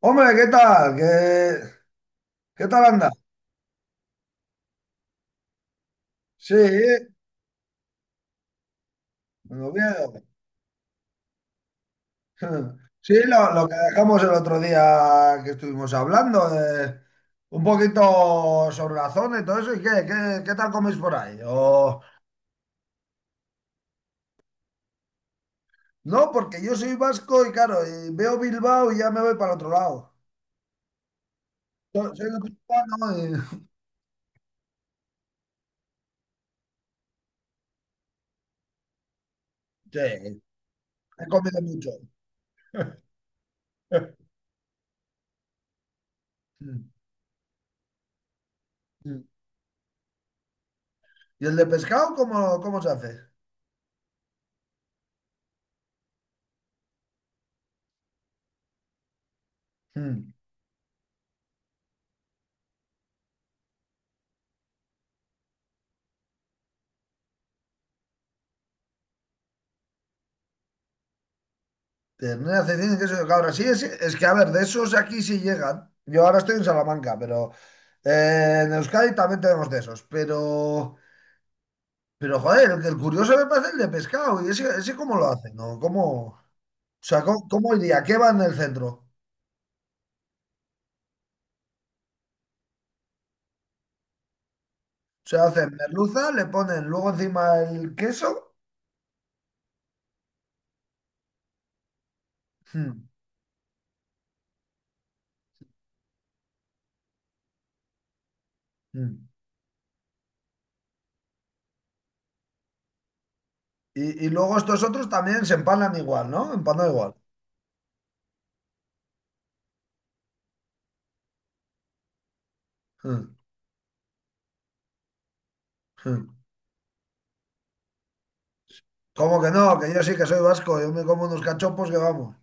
Hombre, ¿qué tal? ¿Qué tal anda? Sí, lo veo. Sí, lo que dejamos el otro día que estuvimos hablando, de un poquito sobre la zona y todo eso. ¿Y qué tal coméis por ahí? O, no, porque yo soy vasco y claro, y veo Bilbao y ya me voy para el otro lado. Yo soy guipuzcoano y... Sí, he comido mucho. ¿Y el de pescado cómo se hace? Mm. Ternera, cecina, queso de cabra. Sí, es que, a ver, de esos aquí sí llegan. Yo ahora estoy en Salamanca, pero en Euskadi también tenemos de esos. Pero joder, el curioso me parece el de pescado. ¿Y ese cómo lo hacen? ¿No? ¿O sea, cómo iría? ¿Qué va en el centro? Se hacen merluza, le ponen luego encima el queso. Mm, mm. Y luego estos otros también se empanan igual, ¿no? Empanan igual. Mm, mm. ¿Cómo que no? Que yo sí que soy vasco. Yo me como unos cachopos que vamos.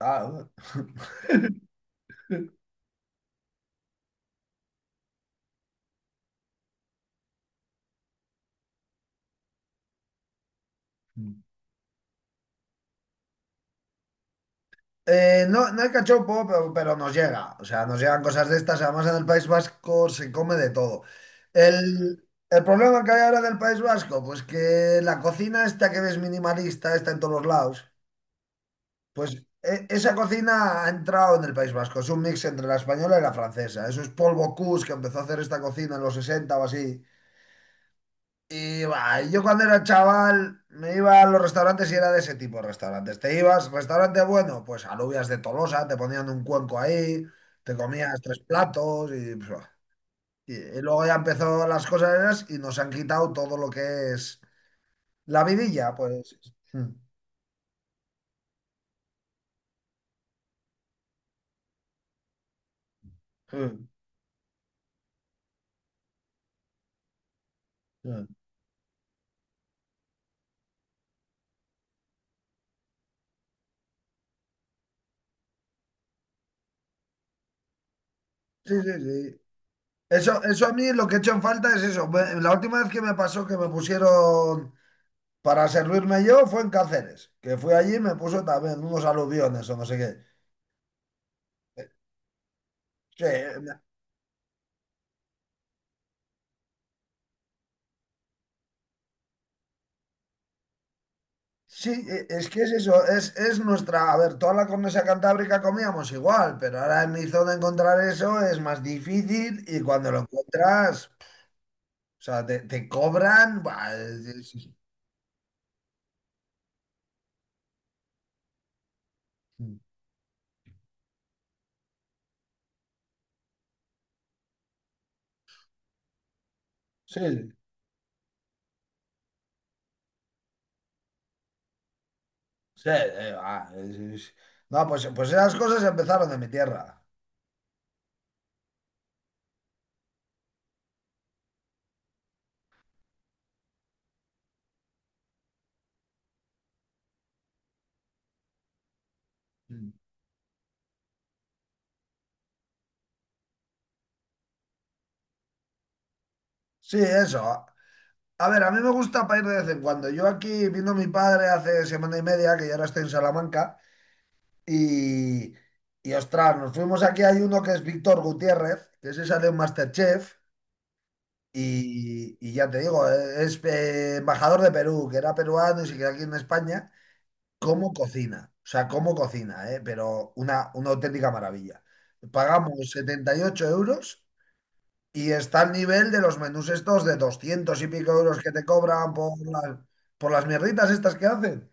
Ah. Mm. No, no hay cachopo pero nos llega. O sea, nos llegan cosas de estas. Además, en el País Vasco se come de todo. El problema que hay ahora del País Vasco, pues que la cocina esta que ves minimalista, está en todos los lados, pues esa cocina ha entrado en el País Vasco. Es un mix entre la española y la francesa. Eso es Paul Bocuse, que empezó a hacer esta cocina en los 60 o así. Y bah, yo cuando era chaval me iba a los restaurantes y era de ese tipo de restaurantes. Te ibas, restaurante bueno, pues alubias de Tolosa, te ponían un cuenco ahí, te comías tres platos y, pues, bah. Y luego ya empezó las cosas esas y nos han quitado todo lo que es la vidilla, pues. Mm, mm, mm. Sí, sí, sí. Eso a mí lo que he hecho en falta es eso. La última vez que me pasó que me pusieron para servirme yo fue en Cáceres, que fui allí y me puso también unos aluviones o no sé qué. Sí, sí, es que es eso, es nuestra, a ver, toda la cornisa cantábrica comíamos igual, pero ahora en mi zona encontrar eso es más difícil y cuando lo encuentras, o sea, te cobran, buah, sí, sí, va, no, pues esas cosas empezaron de mi tierra. Mm. Sí, eso. A ver, a mí me gusta para ir de vez en cuando. Yo aquí vino mi padre hace semana y media, que yo ahora estoy en Salamanca. Y, y ostras, nos fuimos aquí, hay uno que es Víctor Gutiérrez, que ese sale en MasterChef, y ya te digo, es embajador de Perú, que era peruano y se quedó aquí en España. ¿Cómo cocina? O sea, cómo cocina, ¿eh? Pero una auténtica maravilla. Pagamos 78 euros y está al nivel de los menús estos de 200 y pico euros que te cobran por las mierditas estas que hacen.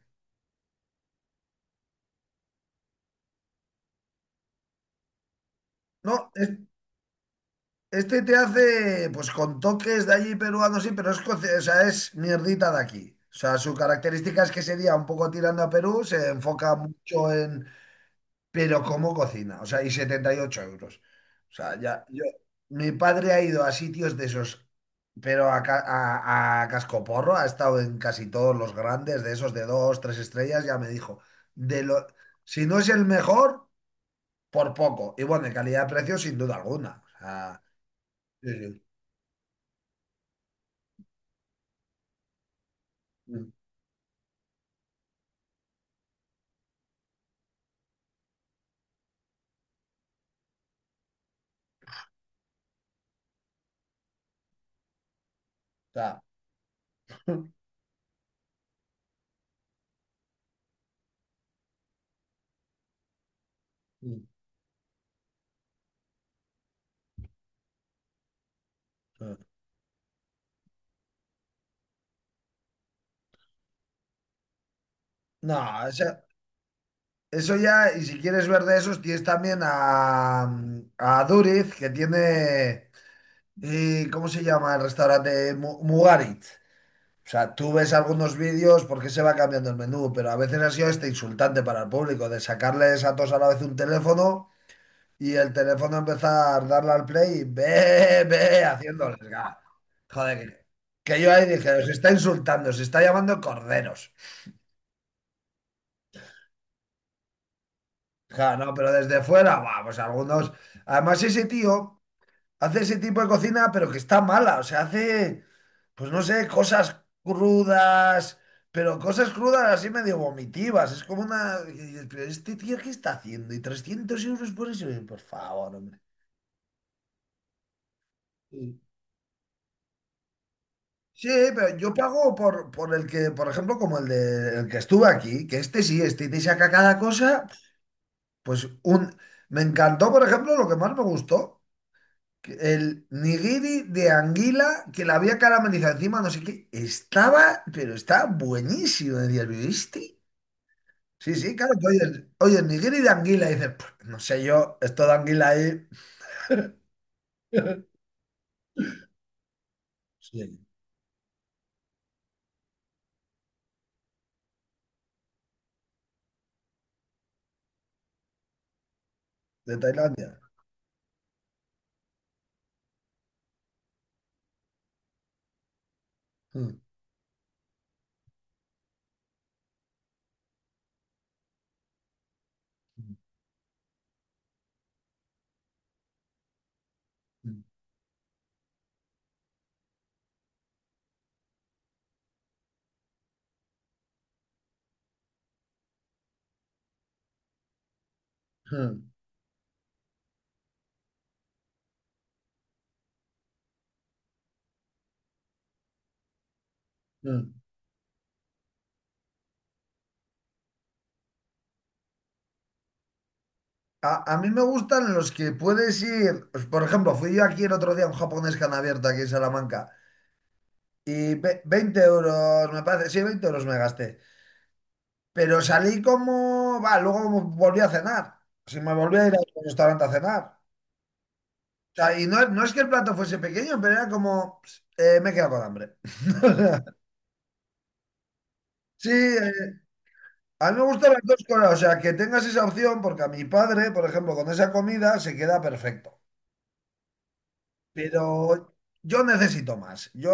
No, es este te hace, pues, con toques de allí peruanos, sí, pero o sea, es mierdita de aquí. O sea, su característica es que sería un poco tirando a Perú, se enfoca mucho en, pero cómo cocina, o sea, y 78 euros. O sea, ya, yo, mi padre ha ido a sitios de esos, pero a cascoporro, ha estado en casi todos los grandes, de esos de dos, tres estrellas, ya me dijo, de lo, si no es el mejor, por poco. Y bueno, de calidad de precio, sin duda alguna. O sea, sí, sí. sea, no, o sea, eso ya, y si quieres ver de esos, tienes también a, Duriz, que tiene, ¿cómo se llama el restaurante? Mugarit. O sea, tú ves algunos vídeos porque se va cambiando el menú, pero a veces ha sido este insultante para el público, de sacarles a todos a la vez un teléfono y el teléfono empezar a darle al play y haciéndoles. Ga. Joder, que yo ahí dije, os está insultando, os está llamando corderos. Ja, no, pero desde fuera, va, pues algunos. Además, ese tío hace ese tipo de cocina, pero que está mala. O sea, hace, pues no sé, cosas crudas, pero cosas crudas así medio vomitivas. Es como una. Y dices: "Pero este tío, ¿qué está haciendo?" Y 300 euros por eso. Por favor, hombre. Sí. Sí, pero yo pago por el que, por ejemplo, como el de el que estuve aquí, que este sí, este te saca cada cosa, pues un. Me encantó, por ejemplo, lo que más me gustó, que el nigiri de anguila que la había caramelizado encima, no sé qué, estaba, pero estaba buenísimo. Decías, ¿viste? Sí, sí, claro, que oyes, nigiri de anguila y dices: "Puf, no sé yo, esto de anguila ahí." Sí, de Tailandia. Mm, mm, mm, mm. A mí me gustan los que puedes ir, pues, por ejemplo, fui yo aquí el otro día a un japonés que han abierto aquí en Salamanca y 20 euros, me parece, sí, 20 euros me gasté. Pero salí como, va, luego volví a cenar. Si me volví a ir a un restaurante a cenar. O sea, y no, no es que el plato fuese pequeño, pero era como: "Ps, me he quedado con hambre." Sí, a mí me gustan las dos cosas. O sea, que tengas esa opción, porque a mi padre, por ejemplo, con esa comida se queda perfecto. Pero yo necesito más. Yo,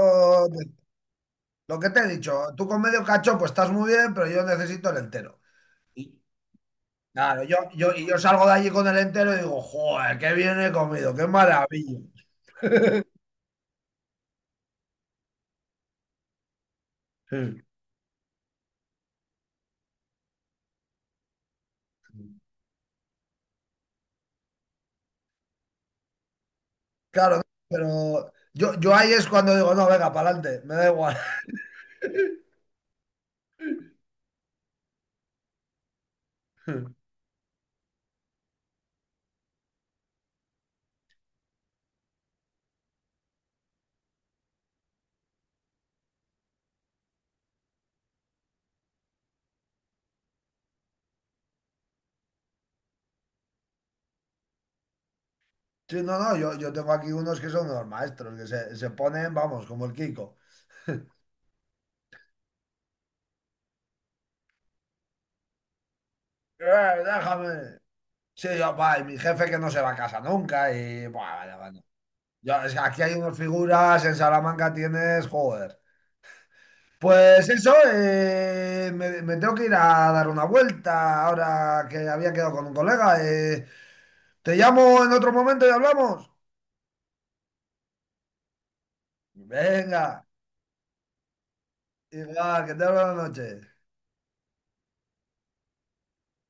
lo que te he dicho, tú con medio cachopo estás muy bien, pero yo necesito el entero. Y claro, y yo salgo de allí con el entero y digo, joder, qué bien he comido, qué maravilla. Claro, pero yo ahí es cuando digo, no, venga, para adelante, me da igual. Sí, no, no, yo tengo aquí unos que son unos maestros, que se ponen, vamos, como el Kiko. "Eh, déjame." Sí, yo, va, y mi jefe que no se va a casa nunca y, buah, vaya, bueno. Yo, es que aquí hay unas figuras, en Salamanca tienes, joder. Pues eso, me tengo que ir a dar una vuelta ahora que había quedado con un colega. Te llamo en otro momento y hablamos. Venga. Igual, que te buenas noches.